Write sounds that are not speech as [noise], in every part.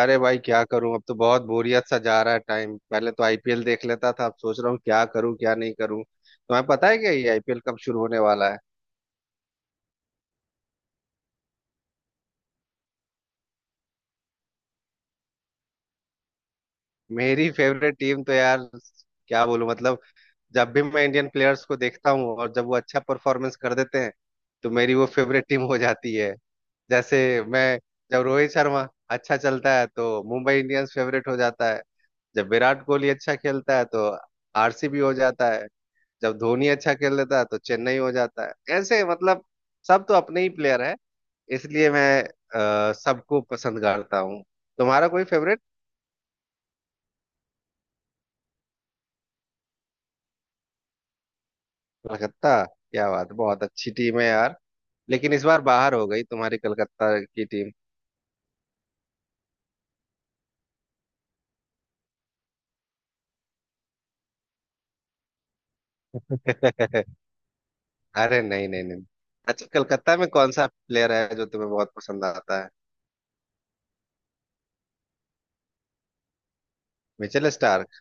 अरे भाई क्या करूं। अब तो बहुत बोरियत सा जा रहा है टाइम। पहले तो आईपीएल देख लेता था, अब सोच रहा हूँ क्या करूं क्या नहीं करूं। तुम्हें पता है क्या ये आईपीएल कब शुरू होने वाला है? मेरी फेवरेट टीम तो यार, क्या बोलूं मतलब, जब भी मैं इंडियन प्लेयर्स को देखता हूं और जब वो अच्छा परफॉर्मेंस कर देते हैं तो मेरी वो फेवरेट टीम हो जाती है। जैसे मैं जब रोहित शर्मा अच्छा चलता है तो मुंबई इंडियंस फेवरेट हो जाता है। जब विराट कोहली अच्छा खेलता है तो आरसीबी हो जाता है। जब धोनी अच्छा खेल लेता है तो चेन्नई हो जाता है। ऐसे मतलब सब तो अपने ही प्लेयर है, इसलिए मैं सबको पसंद करता हूँ। तुम्हारा कोई फेवरेट? कलकत्ता, क्या बात, बहुत अच्छी टीम है यार। लेकिन इस बार बाहर हो गई तुम्हारी कलकत्ता की टीम। [laughs] अरे नहीं नहीं नहीं। अच्छा, कलकत्ता में कौन सा प्लेयर है जो तुम्हें बहुत पसंद आता है? Mitchell Starc.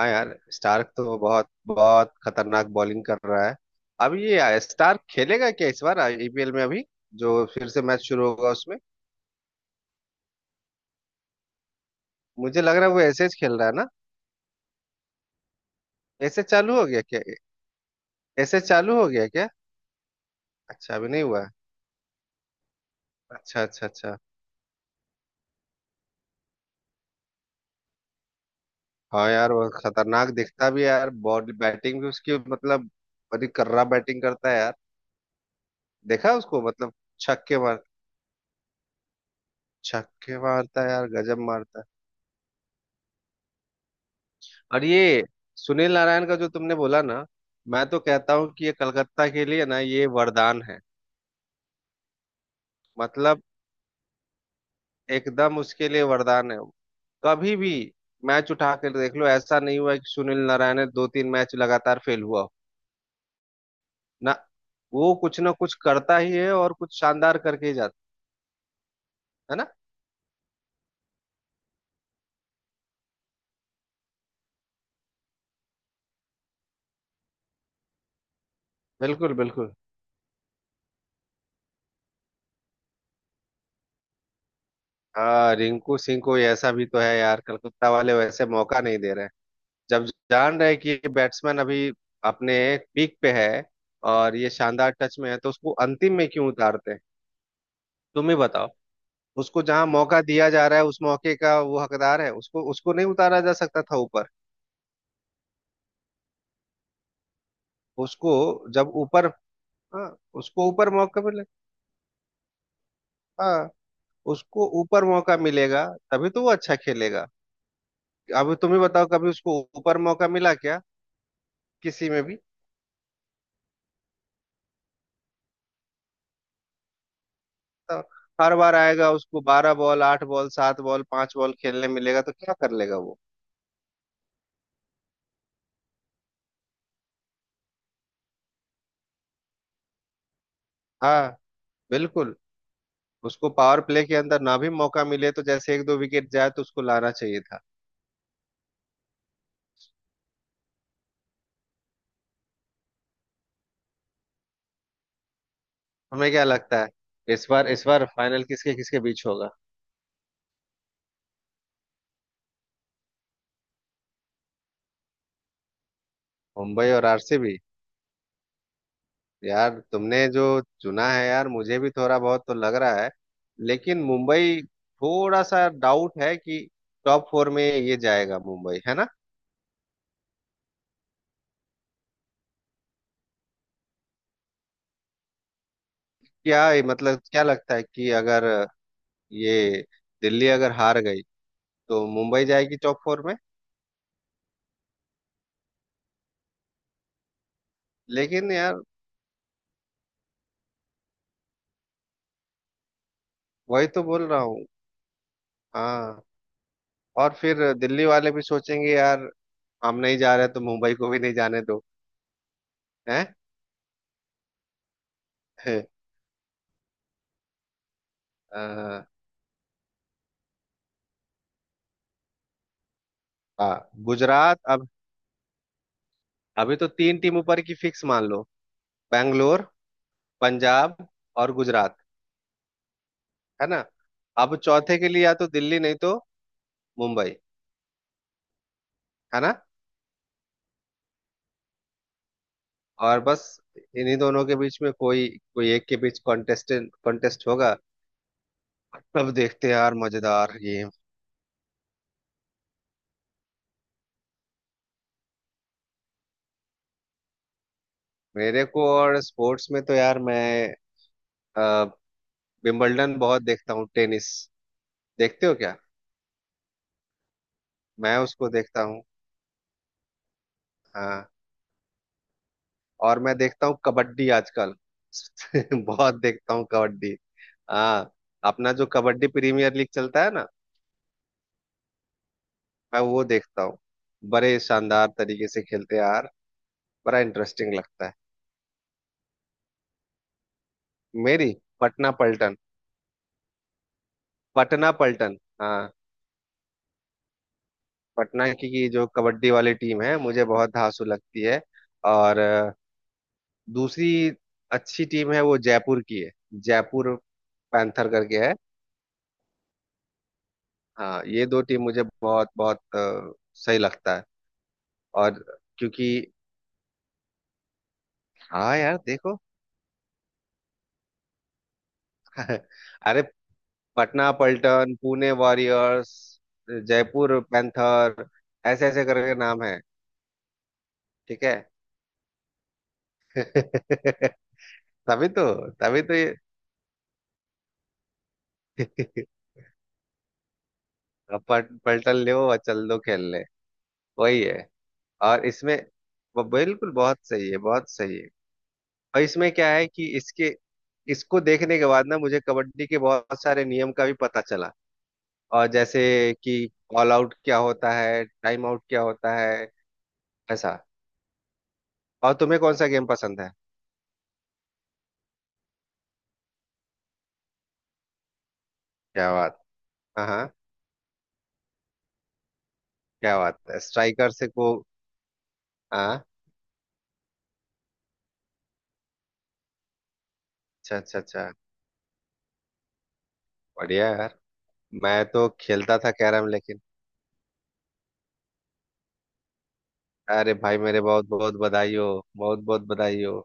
हाँ यार, स्टार्क तो बहुत बहुत खतरनाक बॉलिंग कर रहा है। अब ये स्टार्क खेलेगा क्या इस बार आईपीएल में, अभी जो फिर से मैच शुरू होगा उसमें? मुझे लग रहा है वो ऐसे ही खेल रहा है ना। ऐसे चालू हो गया क्या? ऐसे चालू हो गया क्या? अच्छा, अभी नहीं हुआ है। अच्छा अच्छा अच्छा। हाँ यार, वो खतरनाक दिखता भी है यार। बॉडी बैटिंग भी उसकी मतलब, बड़ी कर्रा बैटिंग करता है यार। देखा उसको मतलब, छक्के मार छक्के मारता है यार, गजब मारता है। और ये सुनील नारायण का जो तुमने बोला ना, मैं तो कहता हूँ कि ये कलकत्ता के लिए ना ये वरदान है। मतलब एकदम उसके लिए वरदान है। कभी भी मैच उठा कर देख लो, ऐसा नहीं हुआ कि सुनील नारायण ने 2 3 मैच लगातार फेल हुआ हो। ना, वो कुछ ना कुछ करता ही है और कुछ शानदार करके ही जाता है ना। बिल्कुल बिल्कुल। हाँ, रिंकू सिंह को ऐसा भी तो है यार, कलकत्ता वाले वैसे मौका नहीं दे रहे हैं। जब जान रहे कि ये बैट्समैन अभी अपने पीक पे है और ये शानदार टच में है, तो उसको अंतिम में क्यों उतारते हैं? तुम ही बताओ। उसको जहां मौका दिया जा रहा है उस मौके का वो हकदार है, उसको उसको नहीं उतारा जा सकता था ऊपर। उसको जब ऊपर हाँ उसको ऊपर मौका मिले, हाँ, उसको ऊपर मौका मिलेगा तभी तो वो अच्छा खेलेगा। अभी तुम ही बताओ, कभी उसको ऊपर मौका मिला क्या? किसी में भी? तो हर बार आएगा उसको 12 बॉल 8 बॉल 7 बॉल 5 बॉल खेलने मिलेगा, तो क्या कर लेगा वो? हाँ, बिल्कुल। उसको पावर प्ले के अंदर ना भी मौका मिले तो जैसे 1 2 विकेट जाए तो उसको लाना चाहिए था। हमें क्या लगता है इस बार, इस बार फाइनल किसके किसके बीच होगा? मुंबई और आरसीबी, यार तुमने जो चुना है यार मुझे भी थोड़ा बहुत तो लग रहा है, लेकिन मुंबई थोड़ा सा डाउट है कि टॉप फोर में ये जाएगा मुंबई, है ना? क्या मतलब, क्या लगता है कि अगर ये दिल्ली अगर हार गई तो मुंबई जाएगी टॉप फोर में? लेकिन यार, वही तो बोल रहा हूँ। हाँ, और फिर दिल्ली वाले भी सोचेंगे यार, हम नहीं जा रहे तो मुंबई को भी नहीं जाने दो। हैं? [laughs] अ, हाँ, गुजरात अब। अभी तो तीन टीम ऊपर की फिक्स मान लो, बैंगलोर, पंजाब और गुजरात। है ना? अब चौथे के लिए या तो दिल्ली नहीं तो मुंबई। है ना? और बस इन्हीं दोनों के बीच में कोई कोई एक के बीच कॉन्टेस्ट होगा। तब देखते हैं यार, मजेदार गेम। मेरे को और स्पोर्ट्स में तो यार मैं अ, विंबलडन बहुत देखता हूँ, टेनिस। देखते हो क्या? मैं उसको देखता हूँ। हाँ। और मैं देखता हूँ कबड्डी आजकल। [laughs] बहुत देखता हूँ कबड्डी। हाँ। अपना जो कबड्डी प्रीमियर लीग चलता है ना, मैं वो देखता हूँ। बड़े शानदार तरीके से खेलते हैं यार, बड़ा इंटरेस्टिंग लगता है। मेरी पटना पलटन। पटना पलटन, हाँ। पटना की जो कबड्डी वाली टीम है मुझे बहुत धांसू लगती है। और दूसरी अच्छी टीम है वो जयपुर की है। जयपुर पैंथर करके है। हाँ, ये दो टीम मुझे बहुत बहुत सही लगता है। और क्योंकि, हाँ यार देखो। [laughs] अरे, पटना पल्टन, पुणे वॉरियर्स, जयपुर पैंथर, ऐसे ऐसे करके नाम है। ठीक है। [laughs] तभी तो तभी तो ये। [laughs] अब पलटन ले और चल दो खेलने। वही है। और इसमें वो, बिल्कुल बहुत सही है, बहुत सही है। और इसमें क्या है कि इसके, इसको देखने के बाद ना मुझे कबड्डी के बहुत सारे नियम का भी पता चला। और जैसे कि ऑल आउट क्या होता है, टाइम आउट क्या होता है, ऐसा। और तुम्हें कौन सा गेम पसंद है? क्या बात। हाँ हाँ। क्या बात है, स्ट्राइकर से को। हाँ। अच्छा अच्छा अच्छा, बढ़िया यार। मैं तो खेलता था कैरम, लेकिन अरे भाई, मेरे बहुत बहुत बधाई हो, बहुत बहुत बधाई हो।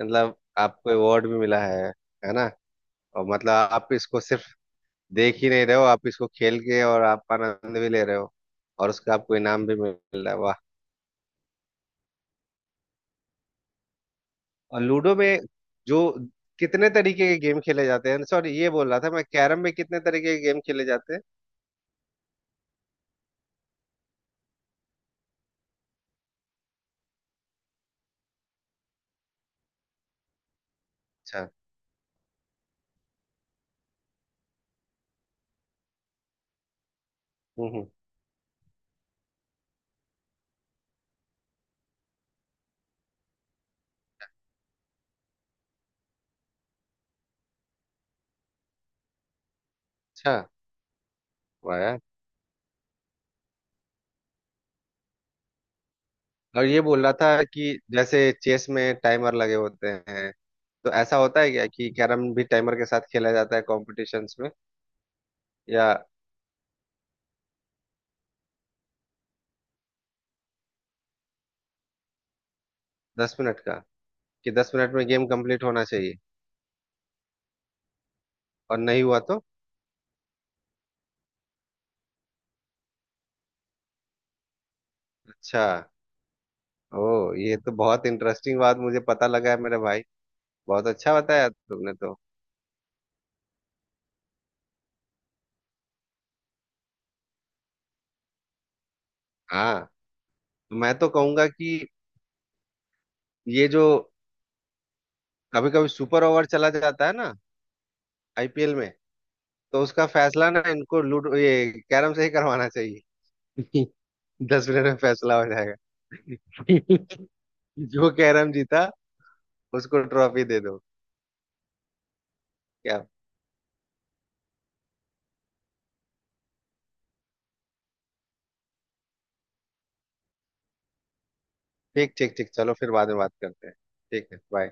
मतलब आपको अवार्ड भी मिला है ना? और मतलब आप इसको सिर्फ देख ही नहीं रहे हो, आप इसको खेल के और आप आनंद भी ले रहे हो, और उसका आपको इनाम भी मिल रहा है, वाह। और लूडो में जो कितने तरीके के गेम खेले जाते हैं, सॉरी, ये बोल रहा था मैं कैरम में कितने तरीके के गेम खेले जाते हैं? अच्छा। हम्म हम्म, अच्छा, वाह यार। और ये बोल रहा था कि जैसे चेस में टाइमर लगे होते हैं, तो ऐसा होता है क्या कि कैरम भी टाइमर के साथ खेला जाता है कॉम्पिटिशन्स में? या 10 मिनट का? कि 10 मिनट में गेम कंप्लीट होना चाहिए? और नहीं हुआ तो? अच्छा, ओ, ये तो बहुत इंटरेस्टिंग बात मुझे पता लगा है मेरे भाई, बहुत अच्छा बताया तुमने तो। हाँ, तो मैं तो कहूंगा कि ये जो कभी कभी सुपर ओवर चला जाता है ना आईपीएल में, तो उसका फैसला ना इनको लूडो ये कैरम से ही करवाना चाहिए। [laughs] 10 मिनट में फैसला हो जाएगा। [laughs] जो कैरम जीता उसको ट्रॉफी दे दो। क्या। ठीक ठीक ठीक, चलो फिर बाद में बात करते हैं। ठीक है, बाय।